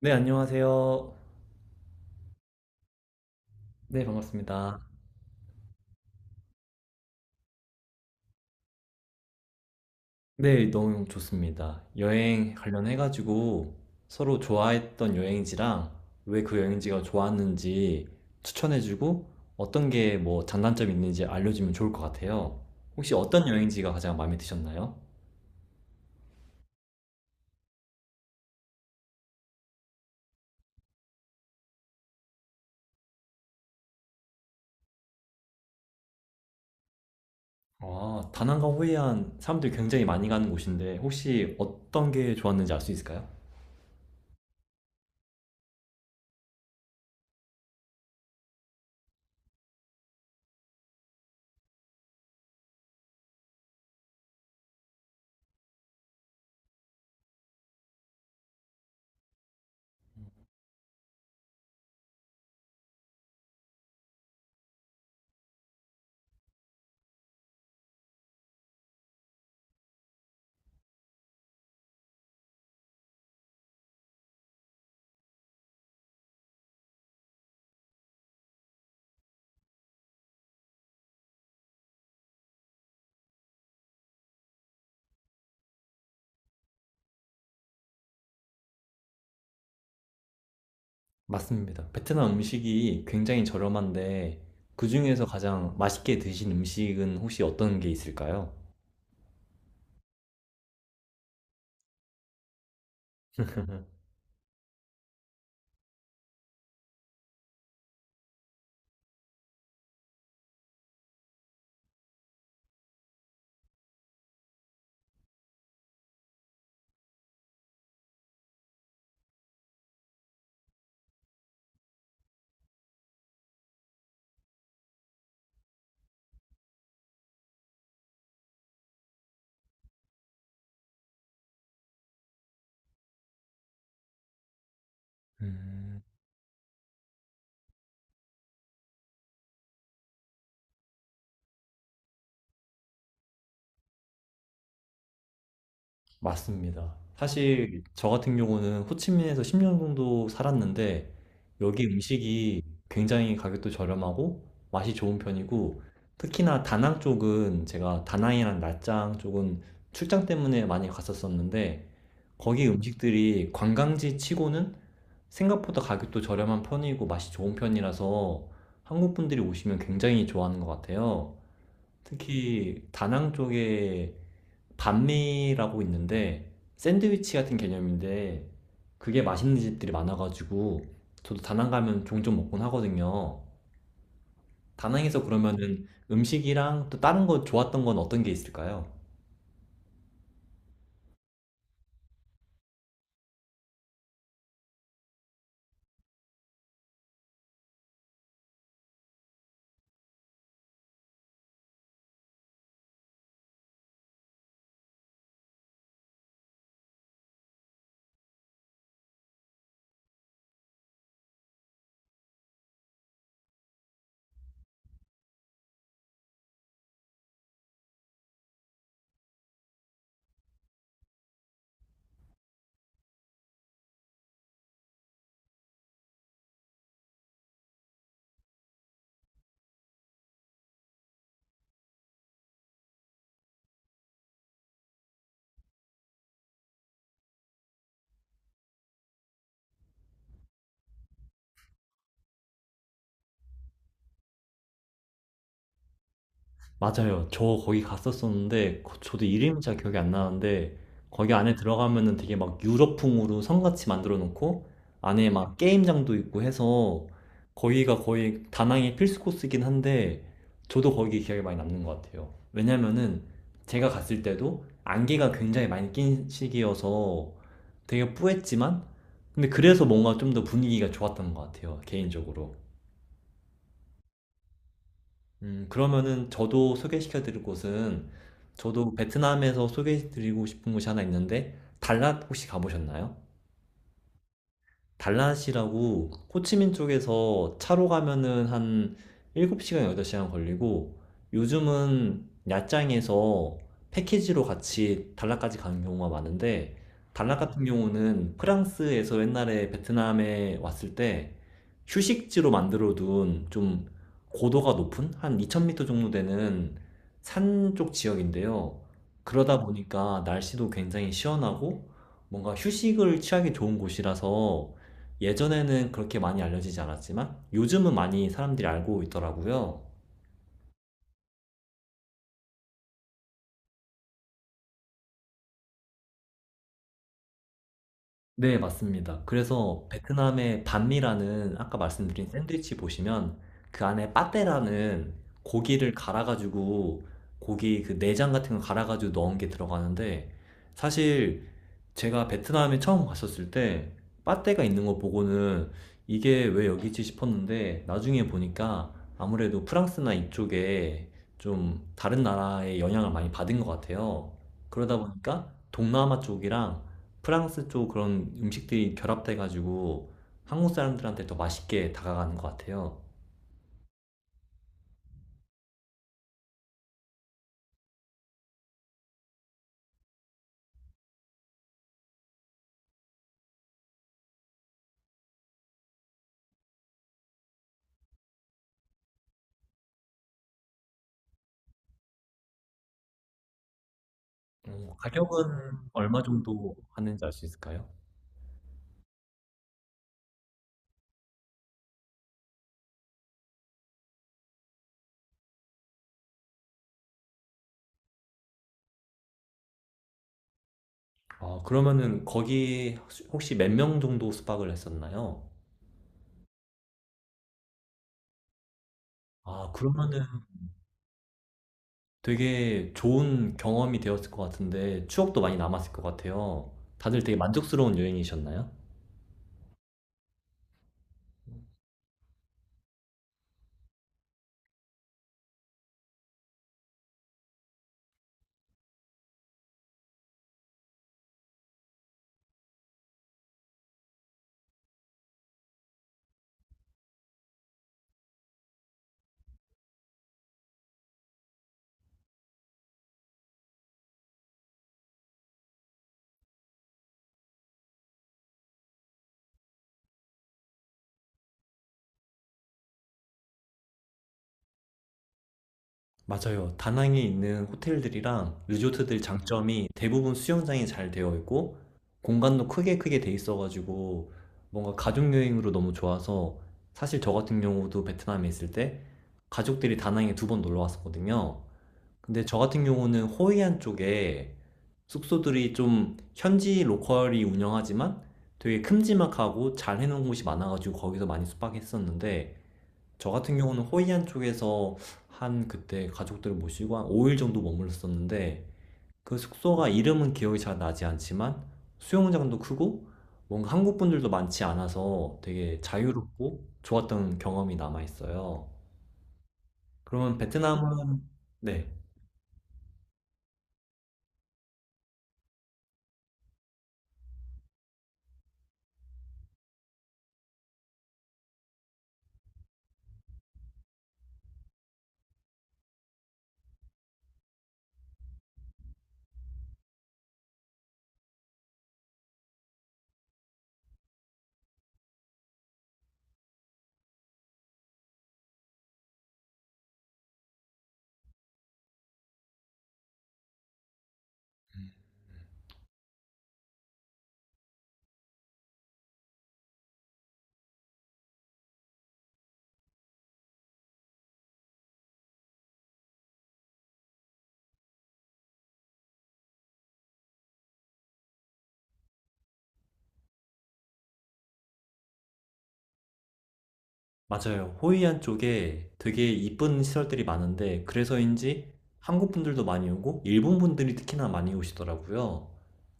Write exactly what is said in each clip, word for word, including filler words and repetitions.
네, 안녕하세요. 네, 반갑습니다. 네, 너무 좋습니다. 여행 관련해가지고 서로 좋아했던 여행지랑 왜 그 여행지가 좋았는지 추천해주고 어떤 게 뭐 장단점이 있는지 알려주면 좋을 것 같아요. 혹시 어떤 여행지가 가장 마음에 드셨나요? 아, 다낭과 호이안 사람들이 굉장히 많이 가는 곳인데 혹시 어떤 게 좋았는지 알 수 있을까요? 맞습니다. 베트남 음식이 굉장히 저렴한데 그중에서 가장 맛있게 드신 음식은 혹시 어떤 게 있을까요? 맞습니다. 사실 저 같은 경우는 호치민에서 십 년 정도 살았는데 여기 음식이 굉장히 가격도 저렴하고 맛이 좋은 편이고, 특히나 다낭 쪽은, 제가 다낭이랑 나짱 쪽은 출장 때문에 많이 갔었었는데 거기 음식들이 관광지 치고는 생각보다 가격도 저렴한 편이고 맛이 좋은 편이라서 한국 분들이 오시면 굉장히 좋아하는 것 같아요. 특히 다낭 쪽에 반미라고 있는데, 샌드위치 같은 개념인데 그게 맛있는 집들이 많아가지고 저도 다낭 가면 종종 먹곤 하거든요. 다낭에서 그러면은 음식이랑 또 다른 거 좋았던 건 어떤 게 있을까요? 맞아요. 저 거기 갔었었는데 거- 저도 이름이 잘 기억이 안 나는데, 거기 안에 들어가면은 되게 막 유럽풍으로 성같이 만들어 놓고 안에 막 게임장도 있고 해서 거기가 거의 다낭의 필수 코스긴 한데, 저도 거기 기억이 많이 남는 것 같아요. 왜냐면은 제가 갔을 때도 안개가 굉장히 많이 낀 시기여서 되게 뿌했지만, 근데 그래서 뭔가 좀 더 분위기가 좋았던 것 같아요, 개인적으로. 음, 그러면은 저도 소개시켜 드릴 곳은, 저도 베트남에서 소개해 드리고 싶은 곳이 하나 있는데 달랏 혹시 가보셨나요? 달랏이라고 호치민 쪽에서 차로 가면은 한 일곱 시간, 여덟 시간 걸리고, 요즘은 야짱에서 패키지로 같이 달랏까지 가는 경우가 많은데, 달랏 같은 경우는 프랑스에서 옛날에 베트남에 왔을 때 휴식지로 만들어 둔, 좀 고도가 높은 한 이천 미터 정도 되는 산 쪽 지역인데요. 그러다 보니까 날씨도 굉장히 시원하고 뭔가 휴식을 취하기 좋은 곳이라서, 예전에는 그렇게 많이 알려지지 않았지만 요즘은 많이 사람들이 알고 있더라고요. 네, 맞습니다. 그래서 베트남의 반미라는, 아까 말씀드린 샌드위치 보시면 그 안에 빠떼라는 고기를 갈아가지고, 고기 그 내장 같은 거 갈아가지고 넣은 게 들어가는데, 사실 제가 베트남에 처음 갔었을 때 빠떼가 있는 거 보고는 이게 왜 여기지 싶었는데, 나중에 보니까 아무래도 프랑스나 이쪽에 좀 다른 나라의 영향을 많이 받은 것 같아요. 그러다 보니까 동남아 쪽이랑 프랑스 쪽 그런 음식들이 결합돼가지고 한국 사람들한테 더 맛있게 다가가는 것 같아요. 어, 가격은 얼마 정도 하는지 알 수 있을까요? 아, 그러면은 거기 혹시 몇 명 정도 숙박을 했었나요? 아, 그러면은 되게 좋은 경험이 되었을 것 같은데 추억도 많이 남았을 것 같아요. 다들 되게 만족스러운 여행이셨나요? 맞아요. 다낭에 있는 호텔들이랑 리조트들 장점이 대부분 수영장이 잘 되어 있고, 공간도 크게 크게 돼 있어가지고 뭔가 가족 여행으로 너무 좋아서, 사실 저 같은 경우도 베트남에 있을 때 가족들이 다낭에 두 번 놀러 왔었거든요. 근데 저 같은 경우는 호이안 쪽에 숙소들이, 좀 현지 로컬이 운영하지만 되게 큼지막하고 잘 해놓은 곳이 많아가지고 거기서 많이 숙박했었는데, 저 같은 경우는 호이안 쪽에서 한 그때 가족들을 모시고 한 오 일 정도 머물렀었는데, 그 숙소가 이름은 기억이 잘 나지 않지만 수영장도 크고 뭔가 한국 분들도 많지 않아서 되게 자유롭고 좋았던 경험이 남아있어요. 그러면 베트남은. 네. 맞아요. 호이안 쪽에 되게 이쁜 시설들이 많은데, 그래서인지 한국 분들도 많이 오고 일본 분들이 특히나 많이 오시더라고요.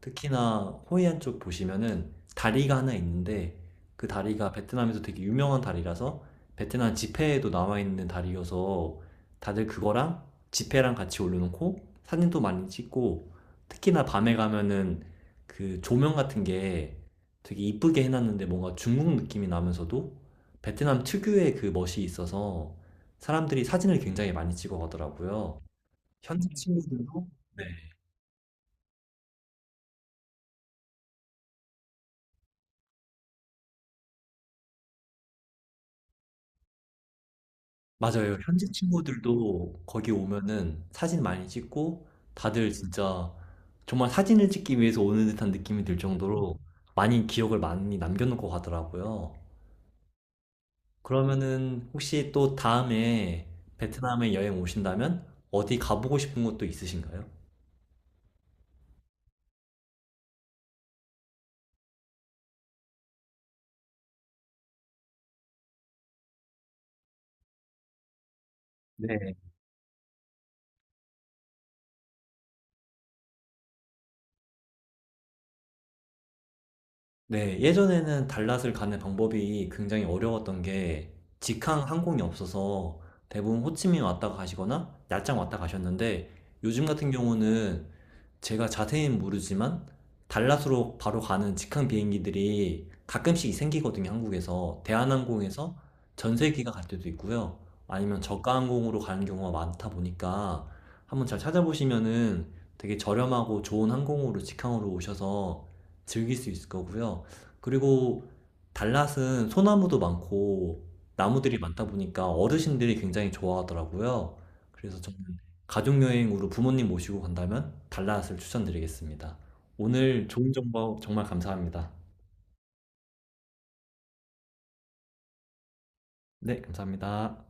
특히나 호이안 쪽 보시면은 다리가 하나 있는데, 그 다리가 베트남에서 되게 유명한 다리라서, 베트남 지폐에도 나와 있는 다리여서 다들 그거랑 지폐랑 같이 올려놓고 사진도 많이 찍고, 특히나 밤에 가면은 그 조명 같은 게 되게 이쁘게 해놨는데, 뭔가 중국 느낌이 나면서도 베트남 특유의 그 멋이 있어서 사람들이 사진을 굉장히 많이 찍어 가더라고요. 현지 친구들도. 네. 맞아요. 현지 친구들도 거기 오면은 사진 많이 찍고, 다들 진짜 정말 사진을 찍기 위해서 오는 듯한 느낌이 들 정도로 많이 기억을 많이 남겨 놓고 가더라고요. 그러면은 혹시 또 다음에 베트남에 여행 오신다면 어디 가보고 싶은 곳도 있으신가요? 네. 네, 예전에는 달랏을 가는 방법이 굉장히 어려웠던 게 직항 항공이 없어서 대부분 호치민 왔다 가시거나 야짱 왔다 가셨는데, 요즘 같은 경우는 제가 자세히는 모르지만 달랏으로 바로 가는 직항 비행기들이 가끔씩 생기거든요, 한국에서. 대한항공에서 전세기가 갈 때도 있고요. 아니면 저가 항공으로 가는 경우가 많다 보니까 한번 잘 찾아보시면은 되게 저렴하고 좋은 항공으로 직항으로 오셔서 즐길 수 있을 거고요. 그리고 달랏은 소나무도 많고 나무들이 많다 보니까 어르신들이 굉장히 좋아하더라고요. 그래서 저는 가족여행으로 부모님 모시고 간다면 달랏을 추천드리겠습니다. 오늘 좋은 정보 정말 감사합니다. 네, 감사합니다.